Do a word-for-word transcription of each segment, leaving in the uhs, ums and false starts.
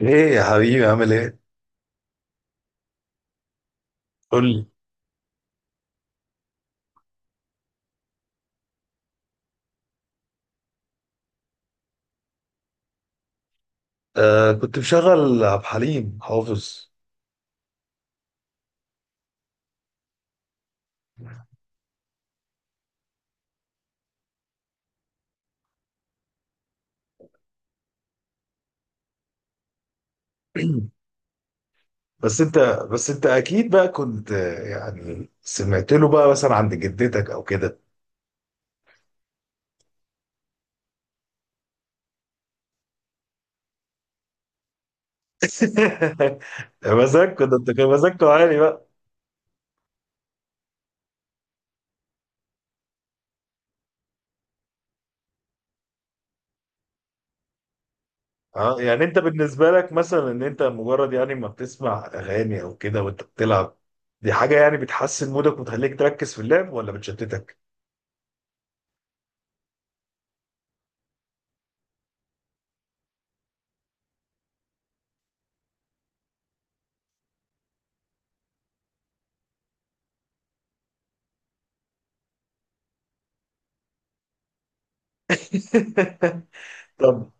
ايه يا حبيبي عامل ايه؟ قول لي. آه، كنت مشغل عبد الحليم حافظ. بس انت بس انت اكيد بقى كنت آه، يعني سمعت له بقى مثلا عند جدتك او كده؟ مزاجكوا ده، انت كان مزاجكوا عالي بقى. اه، يعني انت بالنسبه لك مثلا ان انت مجرد يعني ما بتسمع اغاني او كده وانت بتلعب، دي حاجه يعني بتحسن مودك وتخليك تركز في اللعب ولا بتشتتك؟ طب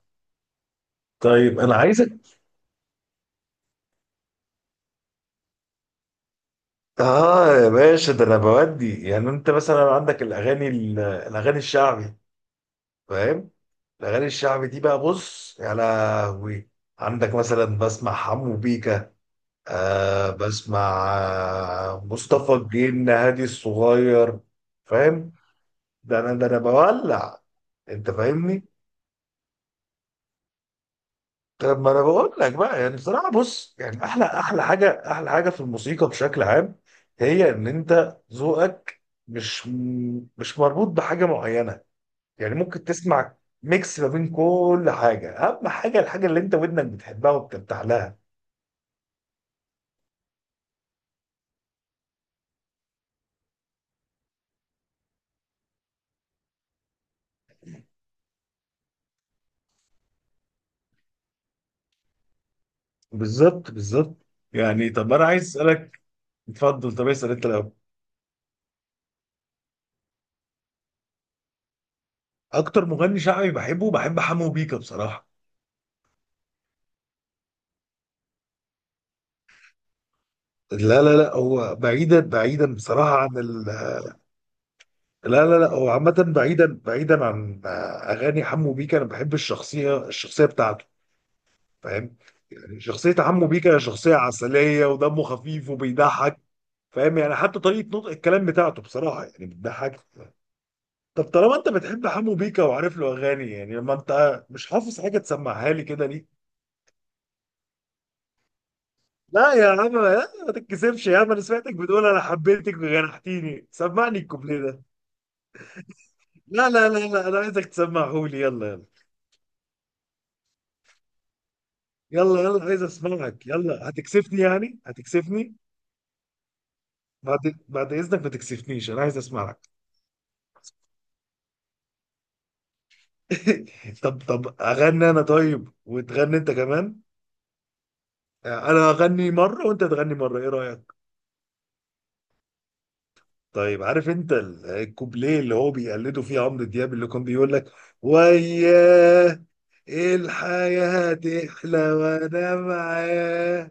طيب انا عايز. اه يا باشا، ده انا بودي يعني انت مثلا عندك الاغاني ال- الاغاني الشعبي. فاهم. الاغاني الشعبي دي بقى، بص يا لهوي. عندك مثلا بسمع حمو بيكا. آه، بسمع آه مصطفى الجن هادي الصغير. فاهم. ده انا ده انا بولع. انت فاهمني. طب ما انا بقول لك بقى، يعني بصراحه بص، يعني احلى احلى حاجه، احلى حاجه في الموسيقى بشكل عام، هي ان انت ذوقك مش مش مربوط بحاجه معينه. يعني ممكن تسمع ميكس ما بين كل حاجه، اهم حاجه، الحاجه اللي انت ودنك بتحبها وبترتاح لها. بالظبط بالظبط. يعني طب انا عايز اسالك. اتفضل، طب اسال انت الاول. اكتر مغني شعبي بحبه، بحب حمو بيكا بصراحه. لا لا لا، هو بعيدا بعيدا بصراحه عن ال لا لا لا، هو عامة بعيدا بعيدا عن آه، أغاني حمو بيكا. أنا بحب الشخصية الشخصية بتاعته. فاهم، يعني شخصية حمو بيكا شخصية عسلية ودمه خفيف وبيضحك. فاهم، يعني حتى طريقة نطق الكلام بتاعته بصراحة يعني بتضحك. طب، طالما أنت بتحب حمو بيكا وعارف له أغاني، يعني لما أنت مش حافظ حاجة تسمعها لي كده ليه؟ لا يا عم، لا، ما تتكسفش يا عم. أنا سمعتك بتقول أنا حبيتك وجرحتيني، سمعني الكوبليه ده. لا لا لا لا، أنا عايزك تسمعهولي، يلا يلا. يلا يلا، عايز اسمعك، يلا هتكسفني يعني هتكسفني. بعد بعد اذنك، ما تكسفنيش، انا عايز اسمعك. طب طب اغني انا طيب، وتغني انت كمان. انا اغني مره وانت تغني مره، ايه رايك؟ طيب، عارف انت ال- الكوبليه اللي هو بيقلده فيه عمرو دياب، اللي كان بيقول لك وياه: إيه الحياه تحلى وانا معاه،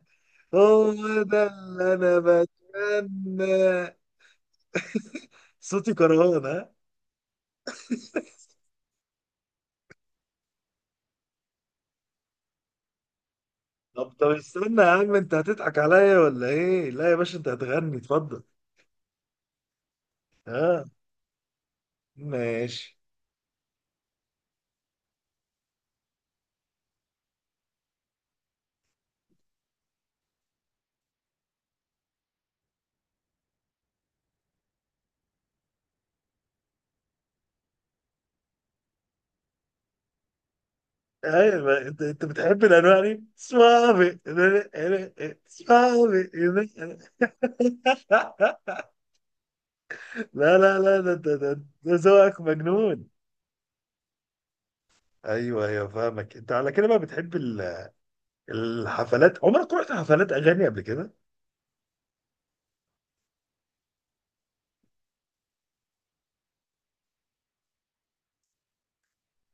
هو ده اللي انا بتمناه. صوتي كرهان. طب طب استنى يا عم، انت هتضحك عليا ولا ايه؟ لا يا باشا، انت هتغني، اتفضل. ها، ماشي. ايوه، انت انت بتحب الانواع دي؟ صعبي. صعبي. لا لا لا، ده ده ده، ده ذوقك مجنون. ايوه ايوه، فاهمك، انت على كده بقى بتحب ال- الحفلات. عمرك رحت حفلات اغاني قبل كده؟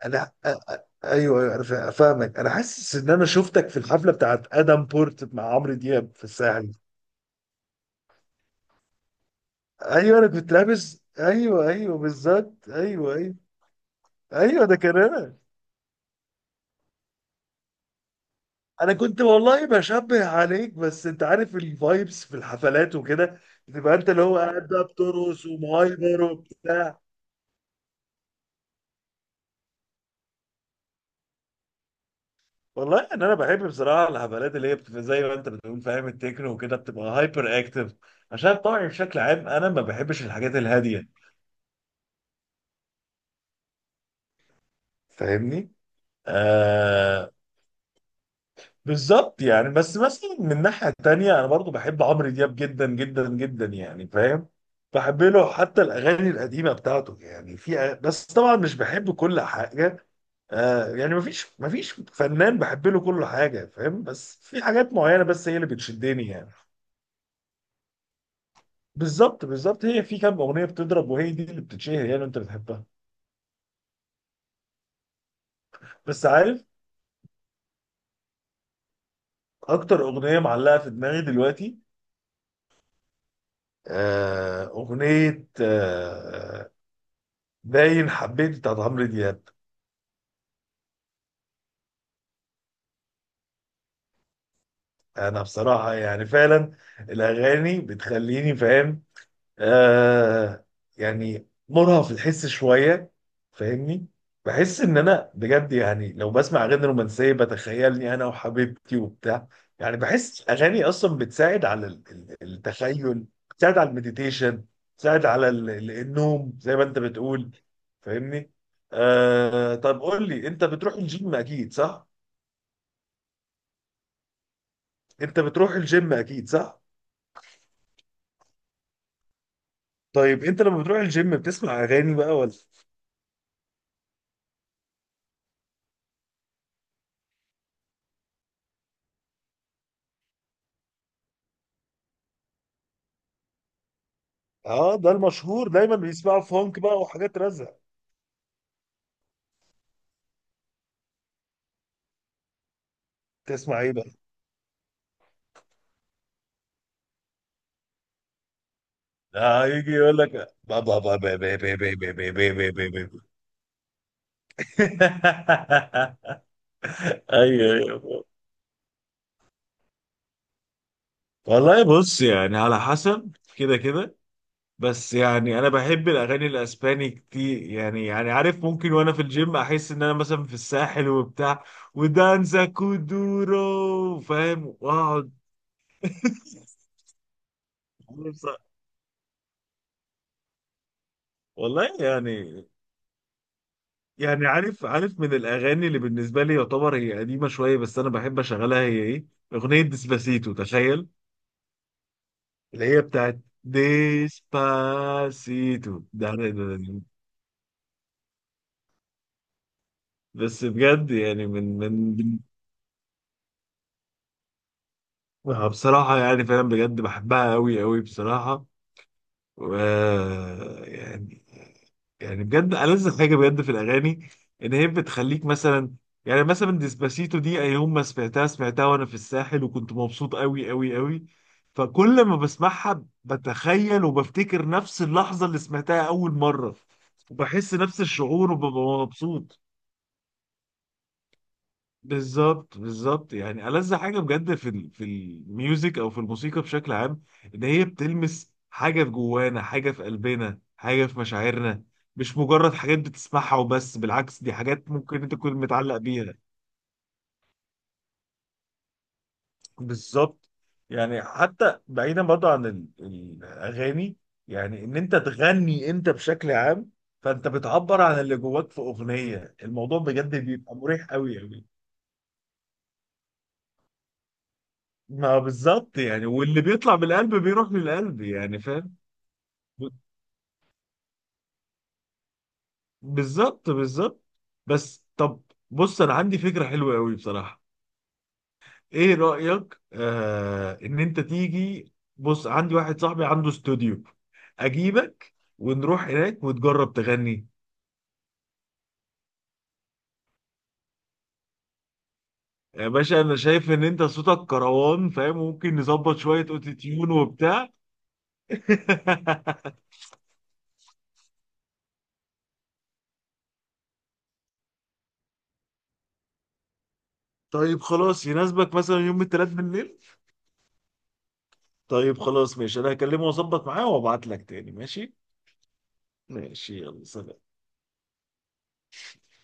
انا أ- أ- ايوه ايوه، انا فا- فاهمك. انا حاسس ان انا شفتك في الحفله بتاعت ادم بورت مع عمرو دياب في الساحل. ايوه، انا كنت لابس، ايوه ايوه، بالظبط، ايوه ايوه. ايوه، ده كان انا. انا كنت والله بشبه عليك، بس انت عارف الفايبس في الحفلات وكده، بتبقى انت اللي هو قاعد بقى بترقص ومهايبر وبتاع. والله ان انا بحب بصراحه الحفلات اللي هي بتبقى زي ما انت بتقول، فاهم، التكنو وكده بتبقى هايبر اكتف، عشان طبعي بشكل عام انا ما بحبش الحاجات الهاديه. فاهمني؟ آه. بالظبط، يعني بس مثلا من ناحية تانية أنا برضو بحب عمرو دياب جدا جدا جدا، يعني فاهم، بحب له حتى الأغاني القديمة بتاعته، يعني في أ- بس طبعا مش بحب كل حاجة. آه، يعني مفيش مفيش فنان بحب له كل حاجة، فاهم، بس في حاجات معينة بس هي اللي بتشدني يعني. بالظبط بالظبط، هي في كام أغنية بتضرب وهي دي اللي بتتشهر، يعني أنت بتحبها. بس عارف، أكتر أغنية معلقة في دماغي دلوقتي، آه أغنية آه باين حبيت بتاعت عمرو دياب. انا بصراحه يعني فعلا الاغاني بتخليني، فاهم، آه، يعني مرهف في الحس شويه. فاهمني، بحس ان انا بجد، يعني لو بسمع اغاني رومانسيه بتخيلني انا وحبيبتي وبتاع. يعني بحس الاغاني اصلا بتساعد على ال- ال- التخيل. بتساعد على المديتيشن. بتساعد على ال- ال- النوم، زي ما انت بتقول. فاهمني؟ آه، طب قول لي، انت بتروح الجيم اكيد صح؟ انت بتروح الجيم اكيد صح؟ طيب، انت لما بتروح الجيم بتسمع اغاني بقى ولا؟ اه، ده المشهور دايما بيسمعوا فونك بقى وحاجات رزع. تسمع ايه بقى؟ اه، يجي يقول لك: بابا بابا بابا بابا بابا بابا بابا. ايوه ايوه. والله بص، يعني على حسب كده كده. بس يعني انا بحب الاغاني الاسباني كتير، يعني يعني عارف، ممكن وانا في الجيم احس ان انا مثلا في الساحل وبتاع، ودانزا كودورو، فاهم، واقعد. بص- والله يعني، يعني عارف عارف من الاغاني اللي بالنسبه لي يعتبر هي قديمه شويه بس انا بحب اشغلها، هي ايه؟ اغنيه ديسباسيتو، تخيل. اللي هي بتاعت ديسباسيتو ده ده- ده- ده. بس بجد يعني من من من- آه، بصراحه يعني فعلا بجد بحبها قوي قوي بصراحه. و يعني يعني بجد ألذ حاجة بجد في الأغاني، إن هي بتخليك مثلا، يعني مثلا ديسباسيتو دي أي يوم ما سمعتها سمعتها، وأنا في الساحل وكنت مبسوط أوي أوي أوي. فكل ما بسمعها بتخيل وبفتكر نفس اللحظة اللي سمعتها أول مرة، وبحس نفس الشعور وببقى مبسوط. بالظبط بالظبط، يعني ألذ حاجة بجد في ال... في الميوزك أو في الموسيقى بشكل عام، إن هي بتلمس حاجة في جوانا، حاجة في قلبنا، حاجة في مشاعرنا. مش مجرد حاجات بتسمعها وبس، بالعكس دي حاجات ممكن أنت تكون متعلق بيها. بالظبط، يعني حتى بعيدا برضه عن ال... الأغاني، يعني إن أنت تغني أنت بشكل عام، فأنت بتعبر عن اللي جواك في أغنية، الموضوع بجد بيبقى مريح أوي أوي. ما بالظبط، يعني واللي بيطلع من القلب بيروح للقلب، يعني فاهم. ب- بالظبط بالظبط. بس طب، بص انا عندي فكرة حلوة قوي بصراحة، ايه رأيك آه ان انت تيجي، بص عندي واحد صاحبي عنده استوديو. اجيبك ونروح هناك وتجرب تغني. يا باشا، انا شايف ان انت صوتك كروان، فاهم، ممكن نظبط شوية اوتوتيون وبتاع. طيب خلاص، يناسبك مثلا يوم الثلاث بالليل؟ طيب خلاص ماشي، انا هكلمه واظبط معاه وابعت لك تاني، ماشي. ماشي، يلا سلام.